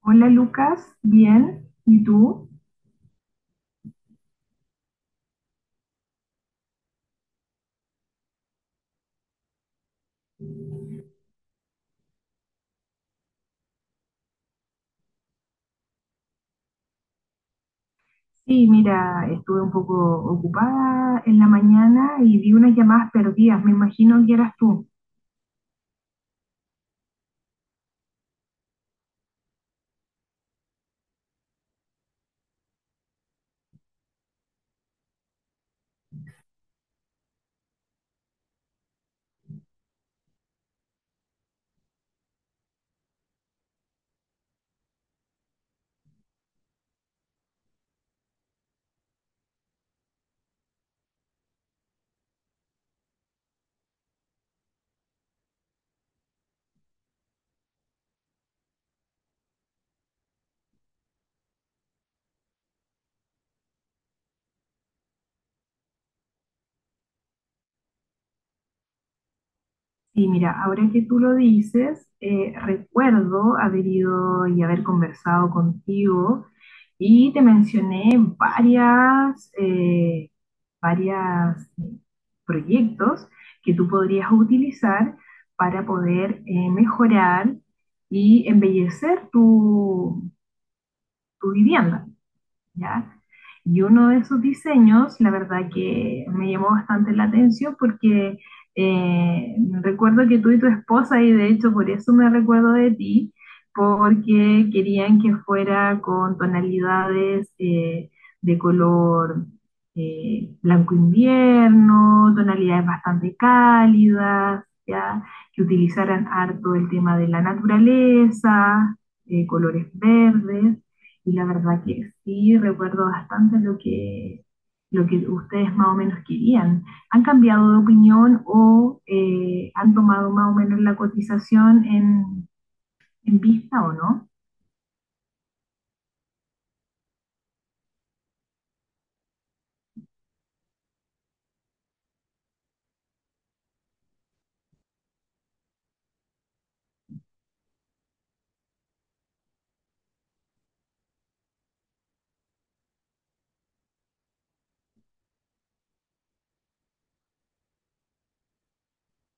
Hola Lucas, bien, ¿y tú? Sí, mira, estuve un poco ocupada en la mañana y vi unas llamadas perdidas, me imagino que eras tú. Sí, mira, ahora que tú lo dices, recuerdo haber ido y haber conversado contigo y te mencioné varias, eh, varias proyectos que tú podrías utilizar para poder mejorar y embellecer tu vivienda, ¿ya? Y uno de esos diseños, la verdad que me llamó bastante la atención porque eh, recuerdo que tú y tu esposa, y de hecho por eso me recuerdo de ti, porque querían que fuera con tonalidades de color blanco invierno, tonalidades bastante cálidas, ¿ya? Que utilizaran harto el tema de la naturaleza, colores verdes. Y la verdad que sí recuerdo bastante lo que ustedes más o menos querían. ¿Han cambiado de opinión o han tomado más o menos la cotización en vista o no?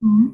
¿Mm?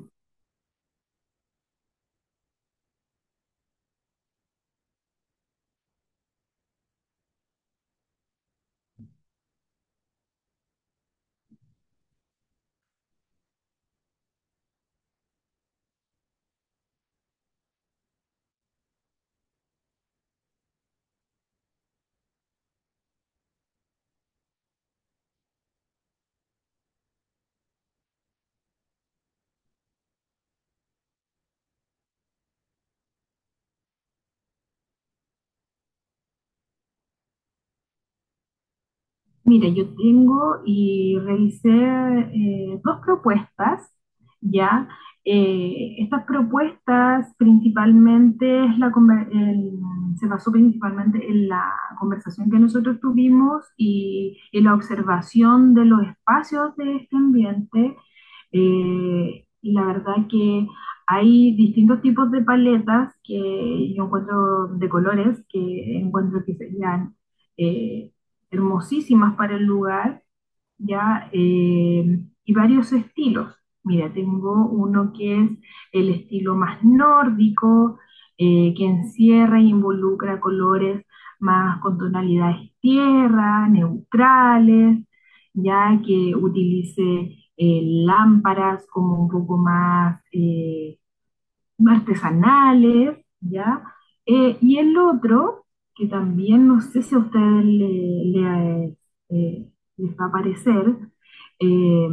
Mire, yo tengo y revisé dos propuestas, ¿ya? Estas propuestas principalmente es la conver- el- se basó principalmente en la conversación que nosotros tuvimos y en la observación de los espacios de este ambiente. Y la verdad que hay distintos tipos de paletas que yo encuentro de colores que encuentro que serían eh, hermosísimas para el lugar, ¿ya? Y varios estilos. Mira, tengo uno que es el estilo más nórdico, que encierra e involucra colores más con tonalidades tierra, neutrales, ya que utilice lámparas como un poco más artesanales, ¿ya? Y el otro, que también no sé si a ustedes le, eh, les va a parecer, eh,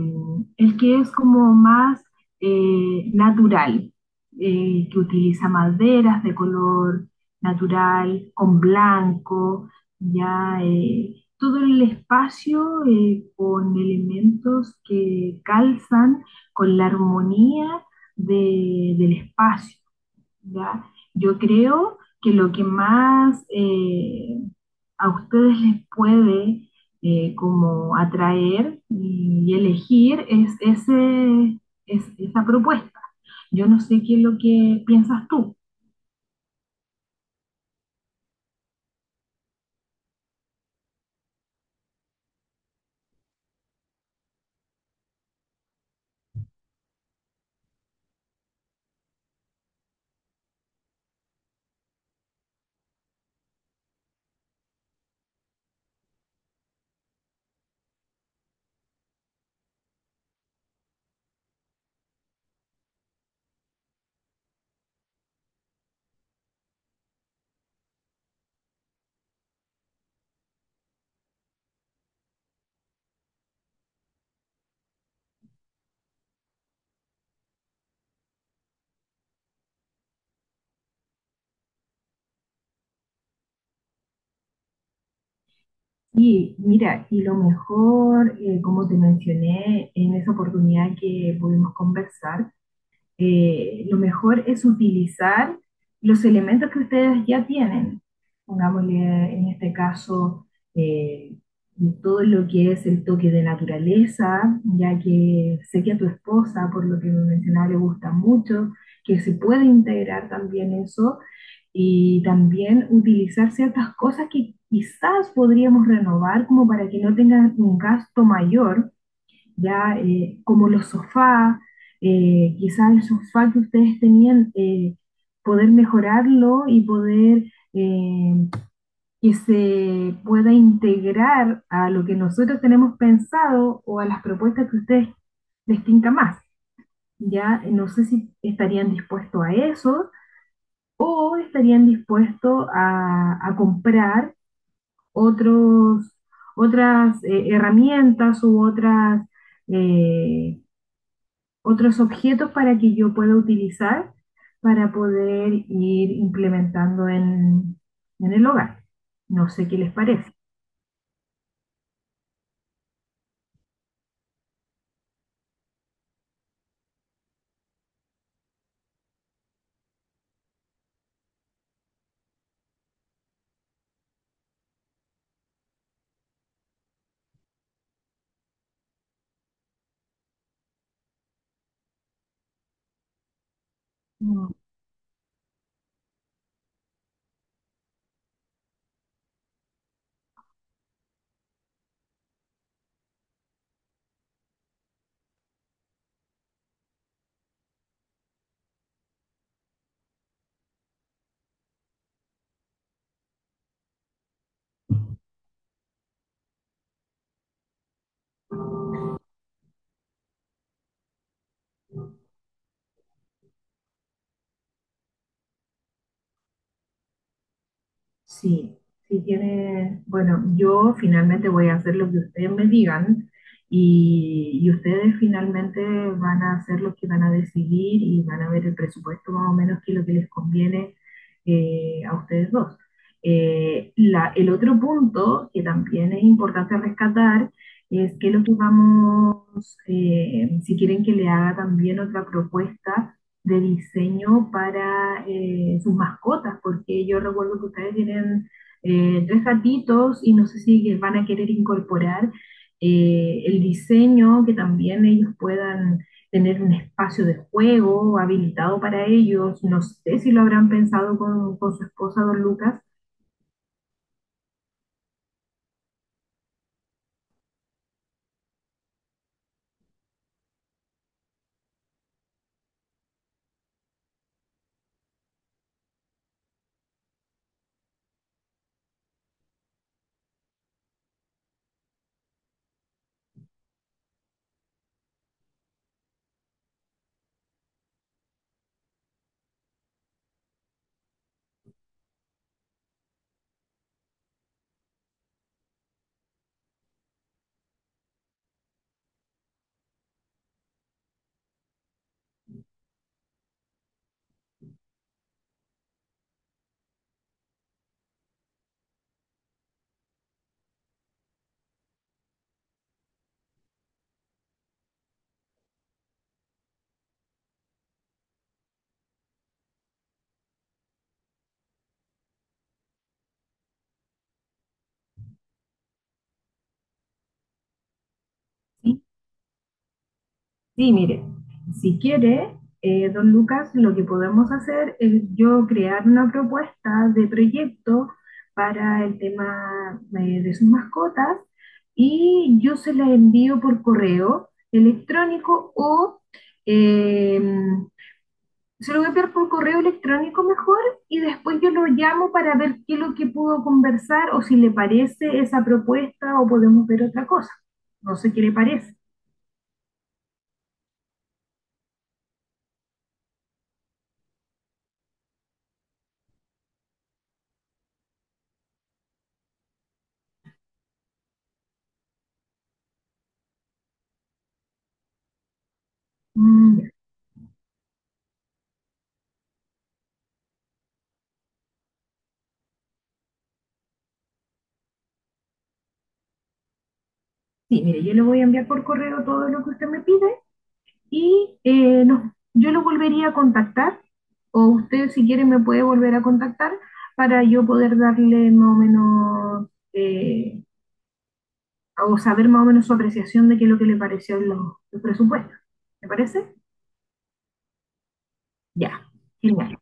el que es como más natural, que utiliza maderas de color natural, con blanco, ya todo el espacio con elementos que calzan con la armonía del espacio, ¿ya? Yo creo que lo que más a ustedes les puede como atraer y elegir es esa propuesta. Yo no sé qué es lo que piensas tú. Y mira, y lo mejor, como te mencioné en esa oportunidad que pudimos conversar, lo mejor es utilizar los elementos que ustedes ya tienen. Pongámosle en este caso eh, todo lo que es el toque de naturaleza, ya que sé que a tu esposa, por lo que me mencionaba, le gusta mucho, que se puede integrar también eso y también utilizar ciertas cosas que quizás podríamos renovar como para que no tengan un gasto mayor ya como los sofás, quizás el sofá que ustedes tenían, poder mejorarlo y poder eh, que se pueda integrar a lo que nosotros tenemos pensado o a las propuestas que ustedes les tinca más. Ya no sé si estarían dispuestos a eso o estarían dispuestos a comprar otros, otras herramientas u otras eh, otros objetos para que yo pueda utilizar para poder ir implementando en el hogar. No sé qué les parece. Sí, sí tiene, bueno, yo finalmente voy a hacer lo que ustedes me digan y ustedes finalmente van a hacer lo que van a decidir y van a ver el presupuesto más o menos que lo que les conviene a ustedes dos. El otro punto que también es importante rescatar es que lo que vamos, si quieren que le haga también otra propuesta, de diseño para sus mascotas, porque yo recuerdo que ustedes tienen tres gatitos y no sé si van a querer incorporar el diseño, que también ellos puedan tener un espacio de juego habilitado para ellos. No sé si lo habrán pensado con su esposa, don Lucas. ¿Sí? Sí, mire, si quiere, don Lucas, lo que podemos hacer es yo crear una propuesta de proyecto para el tema de sus mascotas y yo se la envío por correo electrónico o eh, se lo voy a enviar por correo electrónico mejor y después yo lo llamo para ver qué es lo que pudo conversar o si le parece esa propuesta o podemos ver otra cosa. No sé qué le parece. Mm. Sí, mire, yo le voy a enviar por correo todo lo que usted me pide y yo lo volvería a contactar o usted si quiere me puede volver a contactar para yo poder darle más o menos o saber más o menos su apreciación de qué es lo que le pareció los presupuestos. ¿Me parece? Ya, genial.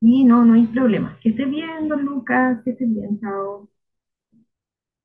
Y no, no hay problema. Que esté bien, don Lucas, que esté bien, chao.